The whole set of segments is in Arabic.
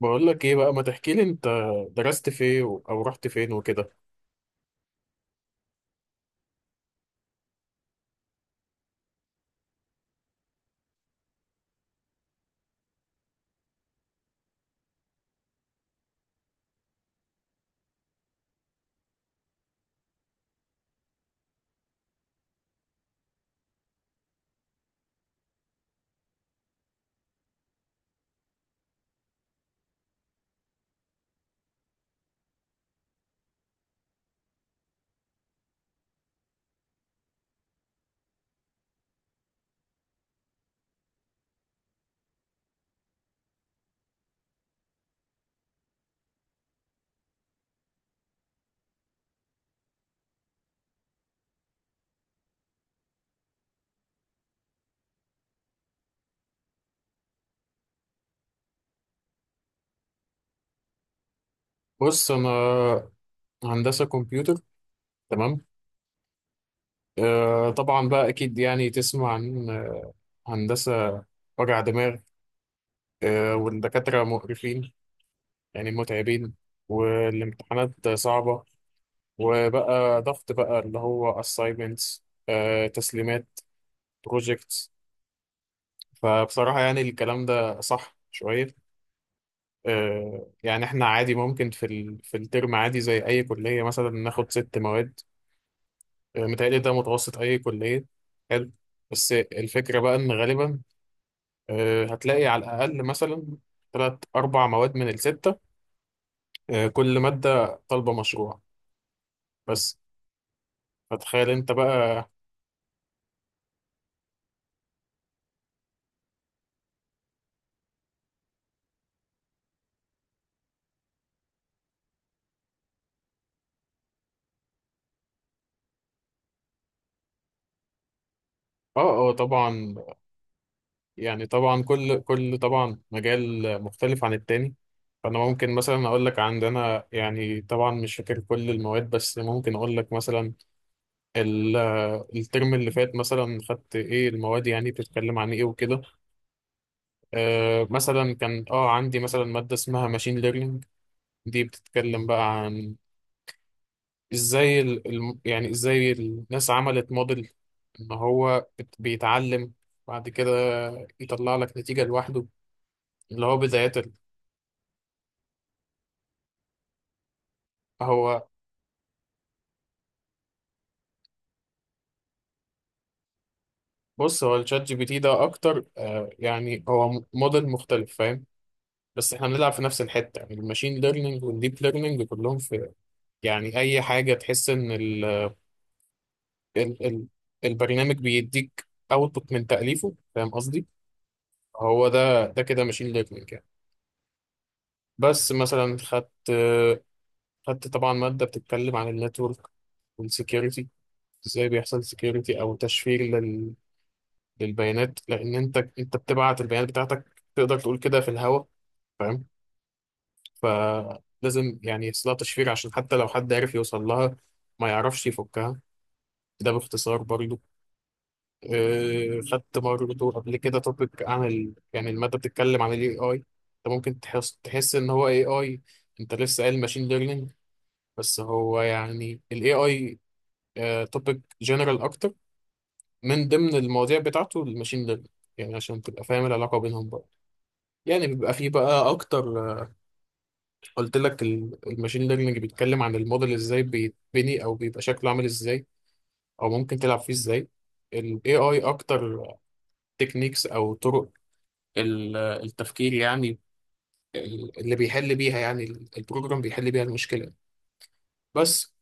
بقول لك ايه بقى، ما تحكي لي انت درست فين او رحت فين وكده. بص، انا هندسة كمبيوتر، تمام. طبعا بقى اكيد، يعني تسمع عن هندسة، وجع دماغ. والدكاترة مقرفين، يعني متعبين، والامتحانات صعبة، وبقى ضغط بقى اللي هو assignments، تسليمات، projects. فبصراحة يعني الكلام ده صح شوية. يعني احنا عادي ممكن في الترم عادي زي اي كليه مثلا ناخد ست مواد. متهيألي ده متوسط اي كليه. حلو. بس الفكره بقى ان غالبا هتلاقي على الاقل مثلا ثلاث اربع مواد من السته، كل ماده طالبه مشروع بس. فتخيل انت بقى. اه، اه، طبعا. يعني طبعا كل طبعا مجال مختلف عن التاني. فانا ممكن مثلا اقول لك عندنا، يعني طبعا مش فاكر كل المواد بس ممكن اقول لك مثلا ال- الترم اللي فات مثلا خدت ايه المواد، يعني بتتكلم عن ايه وكده. مثلا كان عندي مثلا مادة اسمها ماشين ليرنينج. دي بتتكلم بقى عن ازاي يعني ازاي الناس عملت موديل، ان هو بيتعلم، بعد كده يطلع لك نتيجة لوحده. اللي هو بداية هو بص، هو الشات جي بي تي ده اكتر، يعني هو موديل مختلف، فاهم. بس احنا بنلعب في نفس الحتة، يعني الماشين ليرنينج والديب ليرنينج كلهم في، يعني أي حاجة تحس إن ال البرنامج بيديك أوتبوت من تأليفه، فاهم قصدي؟ هو ده كده ماشين ليرنينج يعني. بس مثلا خدت طبعا مادة بتتكلم عن النتورك والسكيورتي، ازاي بيحصل سكيورتي او تشفير للبيانات، لان انت بتبعت البيانات بتاعتك، تقدر تقول كده في الهواء، فاهم. فلازم يعني يحصلها تشفير عشان حتى لو حد عرف يوصل لها، ما يعرفش يفكها. ده باختصار برضو. خدت برضو قبل كده توبيك يعني المادة بتتكلم عن الاي اي. انت ممكن تحس ان هو اي اي. انت لسه قايل ماشين ليرنينج، بس هو يعني الاي اي توبيك جنرال اكتر، من ضمن المواضيع بتاعته الماشين ليرنينج، يعني عشان تبقى فاهم العلاقة بينهم برضه. يعني بيبقى فيه بقى أكتر. قلت لك الماشين ليرنينج بيتكلم عن الموديل ازاي بيتبني او بيبقى شكله عامل ازاي، او ممكن تلعب فيه ازاي. ال AI اكتر تكنيكس او طرق التفكير، يعني اللي بيحل بيها، يعني البروجرام بيحل بيها المشكلة بس.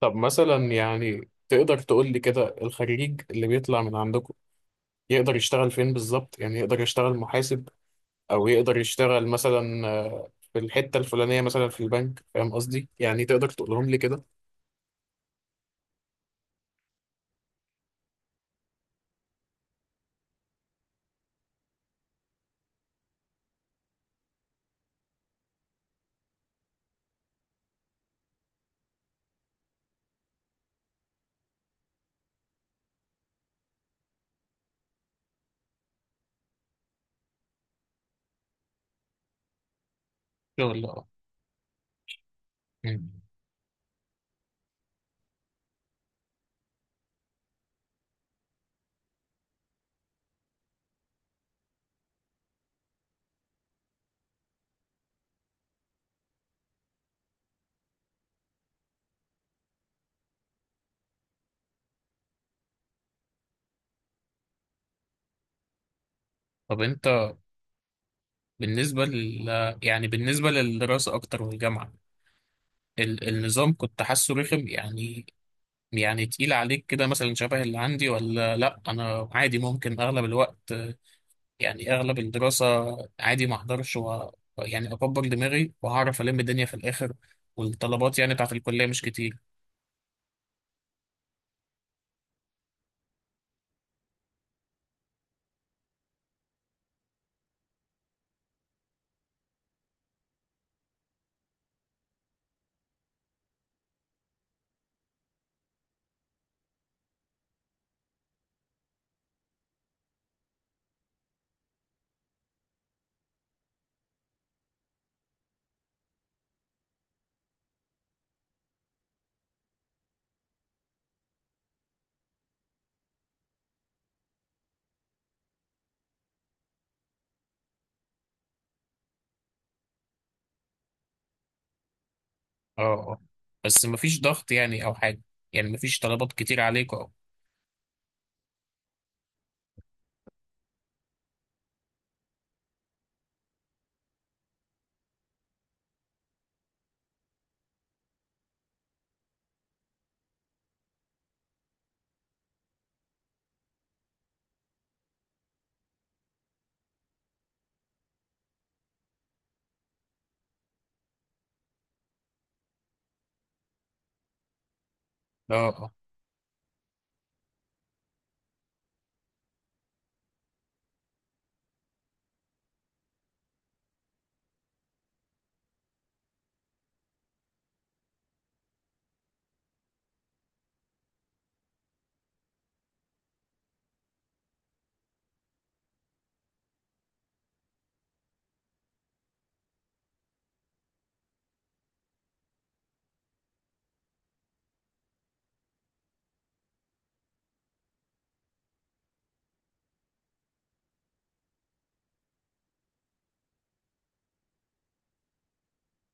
طب مثلا، يعني تقدر تقول لي كده الخريج اللي بيطلع من عندكم يقدر يشتغل فين بالظبط؟ يعني يقدر يشتغل محاسب، او يقدر يشتغل مثلا في الحتة الفلانية مثلا في البنك، فاهم قصدي؟ يعني تقدر تقولهم لي كده. شغل. مم. طب انت بالنسبة يعني بالنسبة للدراسة أكتر والجامعة، النظام، كنت حاسه رخم يعني، يعني تقيل عليك كده مثلا شبه اللي عندي ولا لأ؟ أنا عادي ممكن أغلب الوقت، يعني أغلب الدراسة عادي ما أحضرش يعني أكبر دماغي وهعرف ألم الدنيا في الآخر، والطلبات يعني بتاعت الكلية مش كتير. اه، اه، بس مفيش ضغط يعني أو حاجة، يعني مفيش طلبات كتير عليك أو. اه، اه،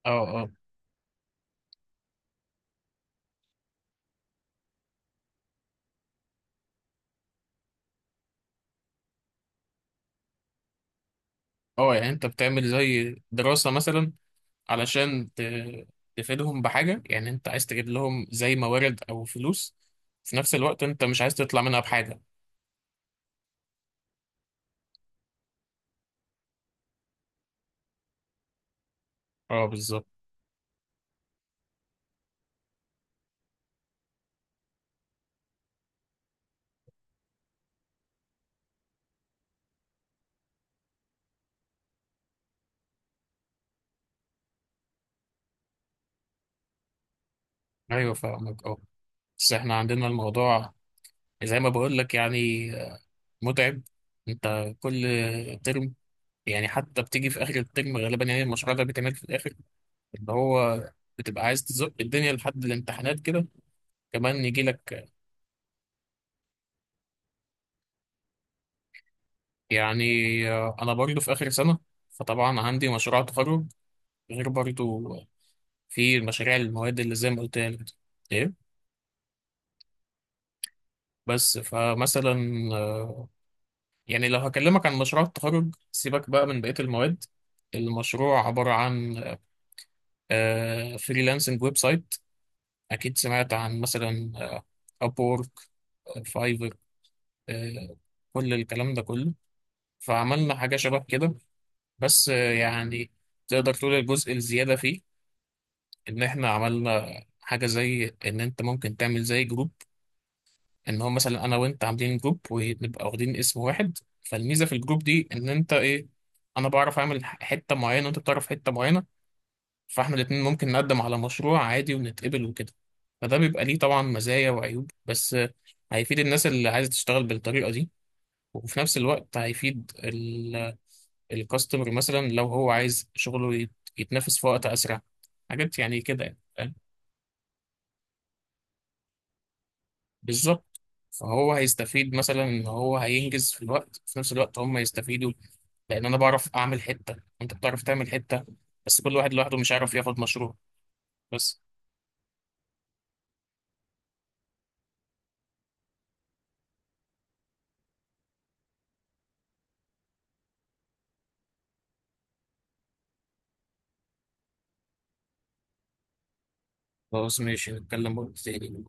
اه، اه، اه، يعني أنت بتعمل زي دراسة مثلا علشان تفيدهم بحاجة. يعني انت عايز تجيب لهم زي موارد او فلوس، في نفس الوقت انت مش عايز تطلع منها بحاجة. اه، بالظبط. ايوه، فاهمك، اه. بس احنا عندنا الموضوع زي ما بقول لك يعني متعب، انت كل ترم، يعني حتى بتيجي في اخر الترم غالبا، يعني المشروع ده بيتعمل في الاخر، اللي هو بتبقى عايز تزق الدنيا لحد الامتحانات كده، كمان يجي لك. يعني انا برضه في اخر سنة، فطبعا عندي مشروع تخرج، غير برضه في المشاريع المواد اللي زي ما قلت لك دي. ايه. بس فمثلا، آه، يعني لو هكلمك عن مشروع التخرج سيبك بقى من بقية المواد. المشروع عبارة عن فريلانسنج ويب سايت. أكيد سمعت عن مثلا أبورك، فايفر، كل الكلام ده كله. فعملنا حاجة شبه كده، بس يعني تقدر تقول الجزء الزيادة فيه، إن إحنا عملنا حاجة زي إن أنت ممكن تعمل زي جروب، ان هو مثلا انا وانت عاملين جروب ونبقى واخدين اسم واحد. فالميزه في الجروب دي ان انت ايه، انا بعرف اعمل حته معينه وانت بتعرف حته معينه. فاحنا الاتنين ممكن نقدم على مشروع عادي ونتقبل وكده. فده بيبقى ليه طبعا مزايا وعيوب، بس هيفيد الناس اللي عايزه تشتغل بالطريقه دي، وفي نفس الوقت هيفيد الكاستمر مثلا لو هو عايز شغله يتنافس في وقت اسرع، حاجات يعني كده يعني، فاهم؟ بالظبط. فهو هيستفيد مثلا ان هو هينجز في الوقت، في نفس الوقت هم يستفيدوا، لان انا بعرف اعمل حته، انت بتعرف تعمل حته، بس كل واحد لوحده مش عارف ياخد مشروع بس. خلاص ماشي، نتكلم وقت تاني.